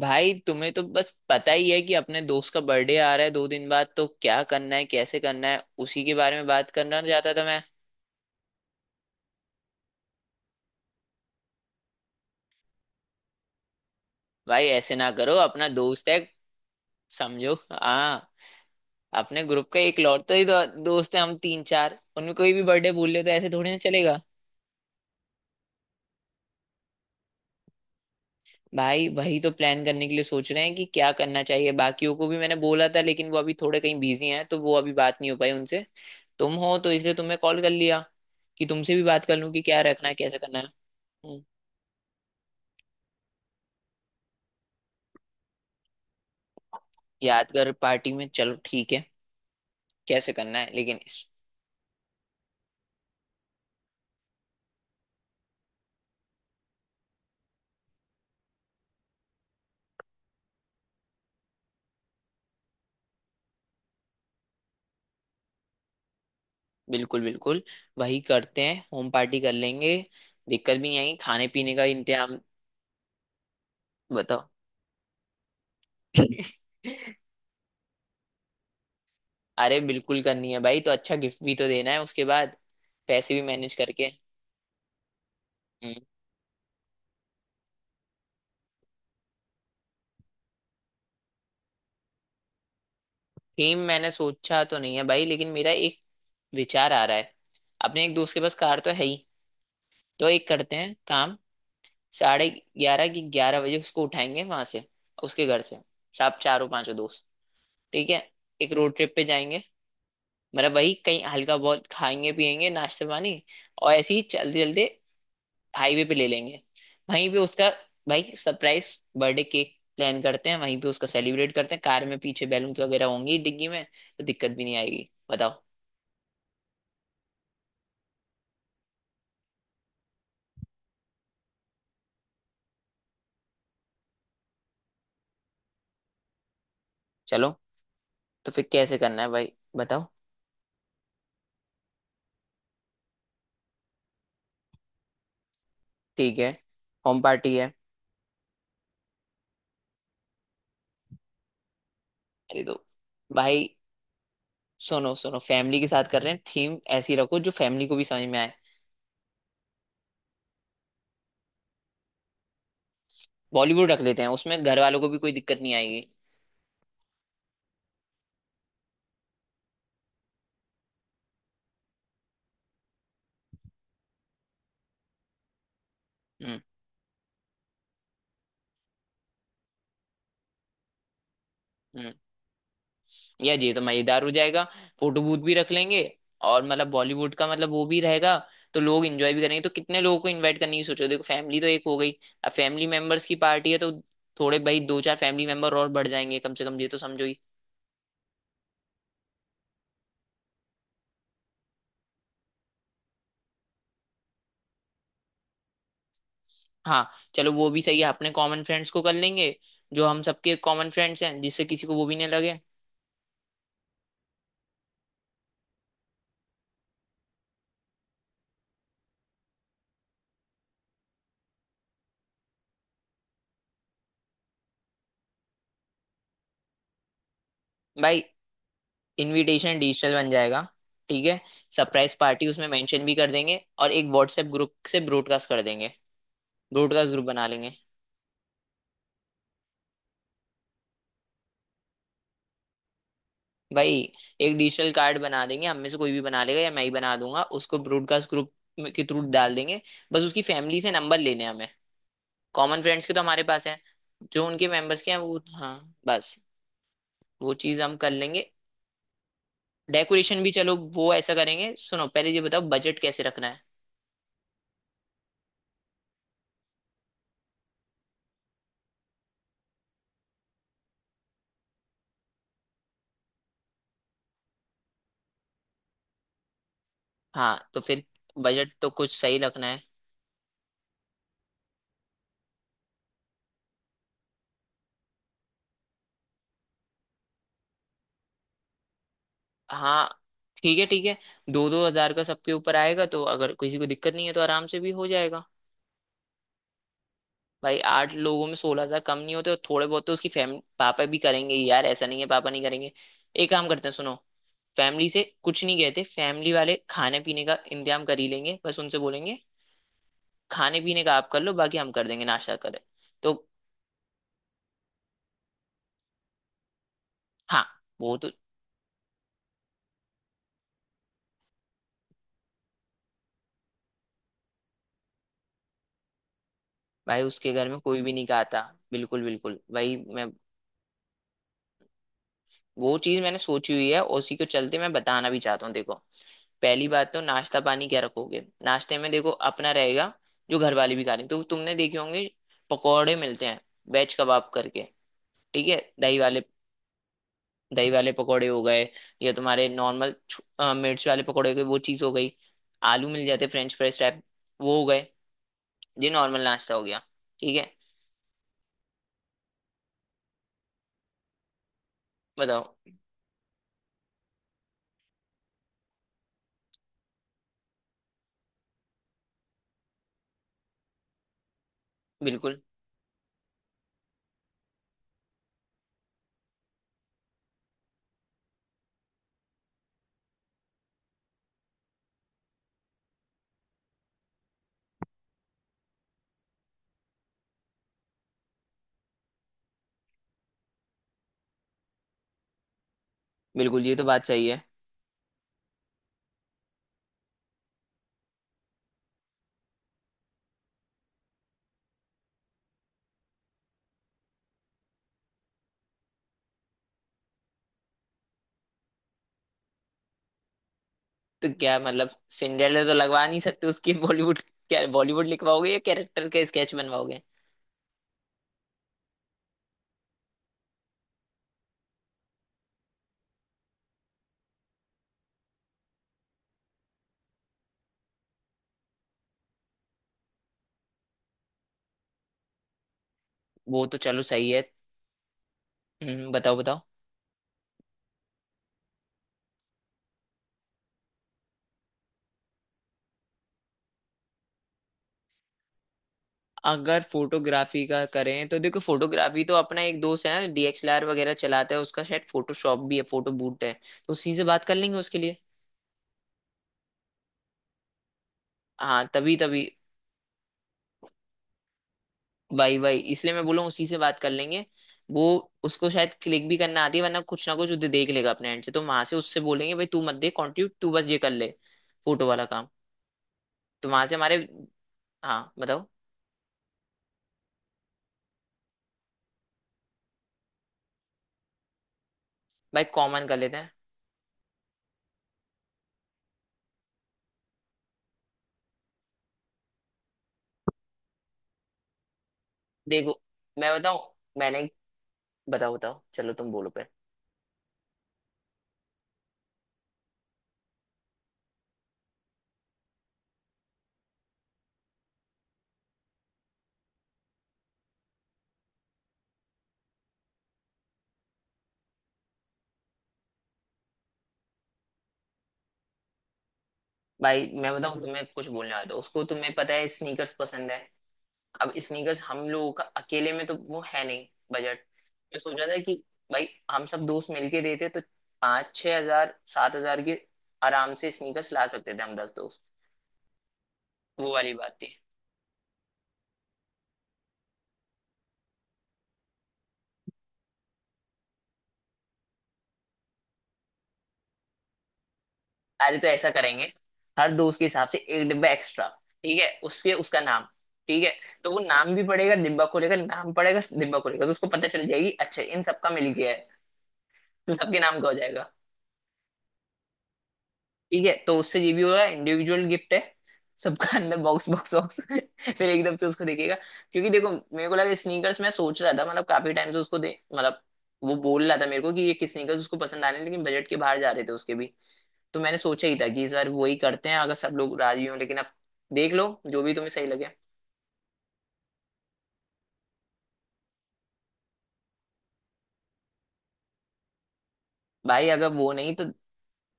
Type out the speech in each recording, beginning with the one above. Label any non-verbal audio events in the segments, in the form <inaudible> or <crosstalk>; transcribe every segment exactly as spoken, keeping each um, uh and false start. भाई, तुम्हें तो बस पता ही है कि अपने दोस्त का बर्थडे आ रहा है दो दिन बाद। तो क्या करना है, कैसे करना है, उसी के बारे में बात करना चाहता था मैं। भाई ऐसे ना करो, अपना दोस्त है। समझो। हाँ, अपने ग्रुप का एक लौटता ही तो दोस्त है, हम तीन चार, उनमें कोई भी बर्थडे भूल ले तो ऐसे थोड़ी ना चलेगा। भाई वही तो प्लान करने के लिए सोच रहे हैं कि क्या करना चाहिए। बाकियों को भी मैंने बोला था लेकिन वो अभी थोड़े कहीं बिजी हैं, तो वो अभी बात नहीं हो पाई उनसे। तुम हो तो इसलिए तुम्हें कॉल कर लिया, कि तुमसे भी बात कर लूं कि क्या रखना है, कैसे करना है। हम्म। यादगार पार्टी, में चलो ठीक है। कैसे करना है लेकिन इस, बिल्कुल बिल्कुल। वही करते हैं, होम पार्टी कर लेंगे, दिक्कत भी नहीं आएगी खाने पीने का इंतजाम। बताओ। <laughs> अरे बिल्कुल करनी है भाई, तो अच्छा गिफ्ट भी तो देना है उसके बाद, पैसे भी मैनेज करके। थीम मैंने सोचा तो नहीं है भाई, लेकिन मेरा एक विचार आ रहा है। अपने एक दोस्त के पास कार तो है ही, तो एक करते हैं काम। साढ़े ग्यारह की, ग्यारह बजे उसको उठाएंगे वहां से, उसके घर से, सब चारों पांचों दोस्त। ठीक है। एक रोड ट्रिप पे जाएंगे, मतलब वही कहीं हल्का बहुत खाएंगे पिएंगे, नाश्ता पानी। और ऐसे ही चलते चलते हाईवे पे ले लेंगे। वहीं पे उसका, भाई सरप्राइज बर्थडे केक प्लान करते हैं, वहीं पे उसका सेलिब्रेट करते हैं, कार में पीछे बैलून्स वगैरह होंगी डिग्गी में, तो दिक्कत भी नहीं आएगी, बताओ। चलो, तो फिर कैसे करना है भाई, बताओ। ठीक है। होम पार्टी है। अरे तो भाई सुनो सुनो, फैमिली के साथ कर रहे हैं, थीम ऐसी रखो जो फैमिली को भी समझ में आए। बॉलीवुड रख लेते हैं, उसमें घर वालों को भी कोई दिक्कत नहीं आएगी। हम्म। हम्म। या ये तो मजेदार हो जाएगा, फोटो बूथ भी रख लेंगे, और मतलब बॉलीवुड का मतलब वो भी रहेगा, तो लोग एंजॉय भी करेंगे। तो कितने लोगों को इनवाइट करने की, सोचो देखो, फैमिली तो एक हो गई, अब फैमिली मेंबर्स की पार्टी है तो थोड़े भाई दो चार फैमिली मेंबर और बढ़ जाएंगे, कम से कम ये तो समझो ही। हाँ चलो वो भी सही है, अपने कॉमन फ्रेंड्स को कर लेंगे, जो हम सबके कॉमन फ्रेंड्स हैं, जिससे किसी को वो भी नहीं लगे। भाई इनविटेशन डिजिटल बन जाएगा। ठीक है। सरप्राइज पार्टी उसमें मेंशन भी कर देंगे और एक व्हाट्सएप ग्रुप से ब्रॉडकास्ट कर देंगे। ब्रॉडकास्ट ग्रुप बना लेंगे। भाई एक डिजिटल कार्ड बना देंगे, हम में से कोई भी बना लेगा या मैं ही बना दूंगा, उसको ब्रॉडकास्ट ग्रुप के थ्रू डाल देंगे। बस उसकी फैमिली से नंबर लेने हैं हमें, कॉमन फ्रेंड्स के तो हमारे पास हैं। जो उनके मेंबर्स के हैं वो, हाँ बस। वो चीज हम कर लेंगे। डेकोरेशन भी चलो वो ऐसा करेंगे। सुनो, पहले ये बताओ बजट कैसे रखना है। हाँ तो फिर बजट तो कुछ सही रखना है। हाँ ठीक है ठीक है, दो दो हज़ार का सबके ऊपर आएगा, तो अगर किसी को दिक्कत नहीं है तो आराम से भी हो जाएगा। भाई आठ लोगों में सोलह हज़ार कम नहीं होते, और थोड़े बहुत तो उसकी फैमिली, पापा भी करेंगे ही यार, ऐसा नहीं है पापा नहीं करेंगे। एक काम करते हैं सुनो, फैमिली से कुछ नहीं कहते, फैमिली वाले खाने पीने का इंतजाम कर ही लेंगे, बस उनसे बोलेंगे, खाने पीने का आप कर लो, बाकी हम कर देंगे नाश्ता करें। तो, हाँ, वो तो, भाई उसके घर में कोई भी नहीं खाता। बिल्कुल बिल्कुल, वही मैं, वो चीज मैंने सोची हुई है, उसी को चलते मैं बताना भी चाहता हूँ। देखो पहली बात, तो नाश्ता पानी क्या रखोगे। नाश्ते में देखो अपना रहेगा, जो घर वाले भी खा रहे हैं, तो तुमने देखे होंगे पकौड़े मिलते हैं, वेज कबाब करके, ठीक है। दही वाले दही वाले पकौड़े हो गए, या तुम्हारे नॉर्मल मिर्च वाले पकौड़े हो गए, वो चीज़ हो गई। आलू मिल जाते फ्रेंच फ्राइज टाइप, वो हो गए। ये नॉर्मल नाश्ता हो गया। ठीक है। बताओ। बिल्कुल बिल्कुल, ये तो बात सही है। तो क्या मतलब सिंड्रेला तो लगवा नहीं सकते उसकी, बॉलीवुड, क्या बॉलीवुड लिखवाओगे या कैरेक्टर के स्केच बनवाओगे। वो तो चलो सही है। हम्म, बताओ बताओ। अगर फोटोग्राफी का करें तो देखो, फोटोग्राफी तो अपना एक दोस्त है, डीएसएलआर वगैरह चलाता है, उसका शायद फोटोशॉप भी है, फोटो बूट है, तो उसी से बात कर लेंगे उसके लिए। हाँ तभी तभी, भाई भाई, इसलिए मैं बोलूँ उसी से बात कर लेंगे। वो, उसको शायद क्लिक भी करना आती है, वरना कुछ ना कुछ वो देख लेगा अपने एंड से, तो वहां से उससे बोलेंगे, भाई तू मत दे कॉन्ट्रीब्यूट, तू बस ये कर ले, फोटो वाला काम। तो वहां से हमारे, हाँ बताओ। भाई कॉमन कर लेते हैं। देखो मैं बताऊँ, मैंने, बताओ बताओ, चलो तुम बोलो पहले। भाई मैं बताऊं तुम्हें, कुछ बोलने आया था उसको, तुम्हें पता है स्नीकर्स पसंद है। अब स्नीकर्स हम लोगों का अकेले में तो वो है नहीं बजट। मैं सोच रहा था कि भाई हम सब दोस्त मिलके देते तो पाँच छह हज़ार सात हज़ार के आराम से स्नीकर्स ला सकते थे हम दस दोस्त। वो वाली बात थी। अरे तो ऐसा करेंगे, हर दोस्त के हिसाब से एक डिब्बा एक्स्ट्रा, ठीक है, उसके उसका नाम। ठीक है, तो वो नाम भी पड़ेगा, डिब्बा खोलेगा नाम पड़ेगा, डिब्बा खोलेगा तो उसको पता चल जाएगी, अच्छा इन सबका मिल गया है। तो सबके नाम का हो जाएगा। ठीक है, तो उससे ये भी हो रहा है, इंडिविजुअल गिफ्ट है, सबका, अंदर बॉक्स बॉक्स बॉक्स <laughs> फिर एकदम से उसको देखेगा। क्योंकि देखो मेरे को लगा स्नीकर्स, मैं सोच रहा था मतलब काफी टाइम से उसको दे, मतलब वो बोल रहा था मेरे को कि ये किस स्नीकर्स उसको पसंद आ रहे हैं, लेकिन बजट के बाहर जा रहे थे उसके भी। तो मैंने सोचा ही था कि इस बार वही करते हैं, अगर सब लोग राजी हो, लेकिन अब देख लो, जो भी तुम्हें सही लगे। भाई अगर वो नहीं, तो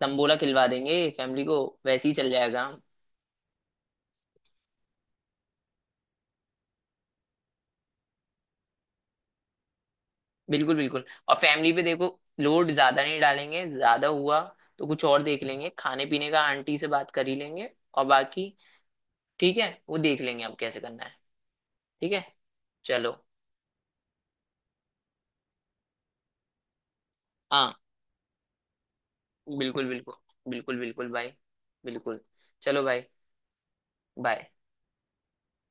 तंबोला खिलवा देंगे फैमिली को, वैसे ही चल जाएगा। बिल्कुल बिल्कुल, और फैमिली पे देखो लोड ज्यादा नहीं डालेंगे, ज्यादा हुआ तो कुछ और देख लेंगे खाने पीने का, आंटी से बात कर ही लेंगे, और बाकी ठीक है वो देख लेंगे अब कैसे करना है। ठीक है। चलो। हाँ। बिल्कुल बिल्कुल। बिल्कुल बिल्कुल भाई। बिल्कुल। चलो भाई, बाय।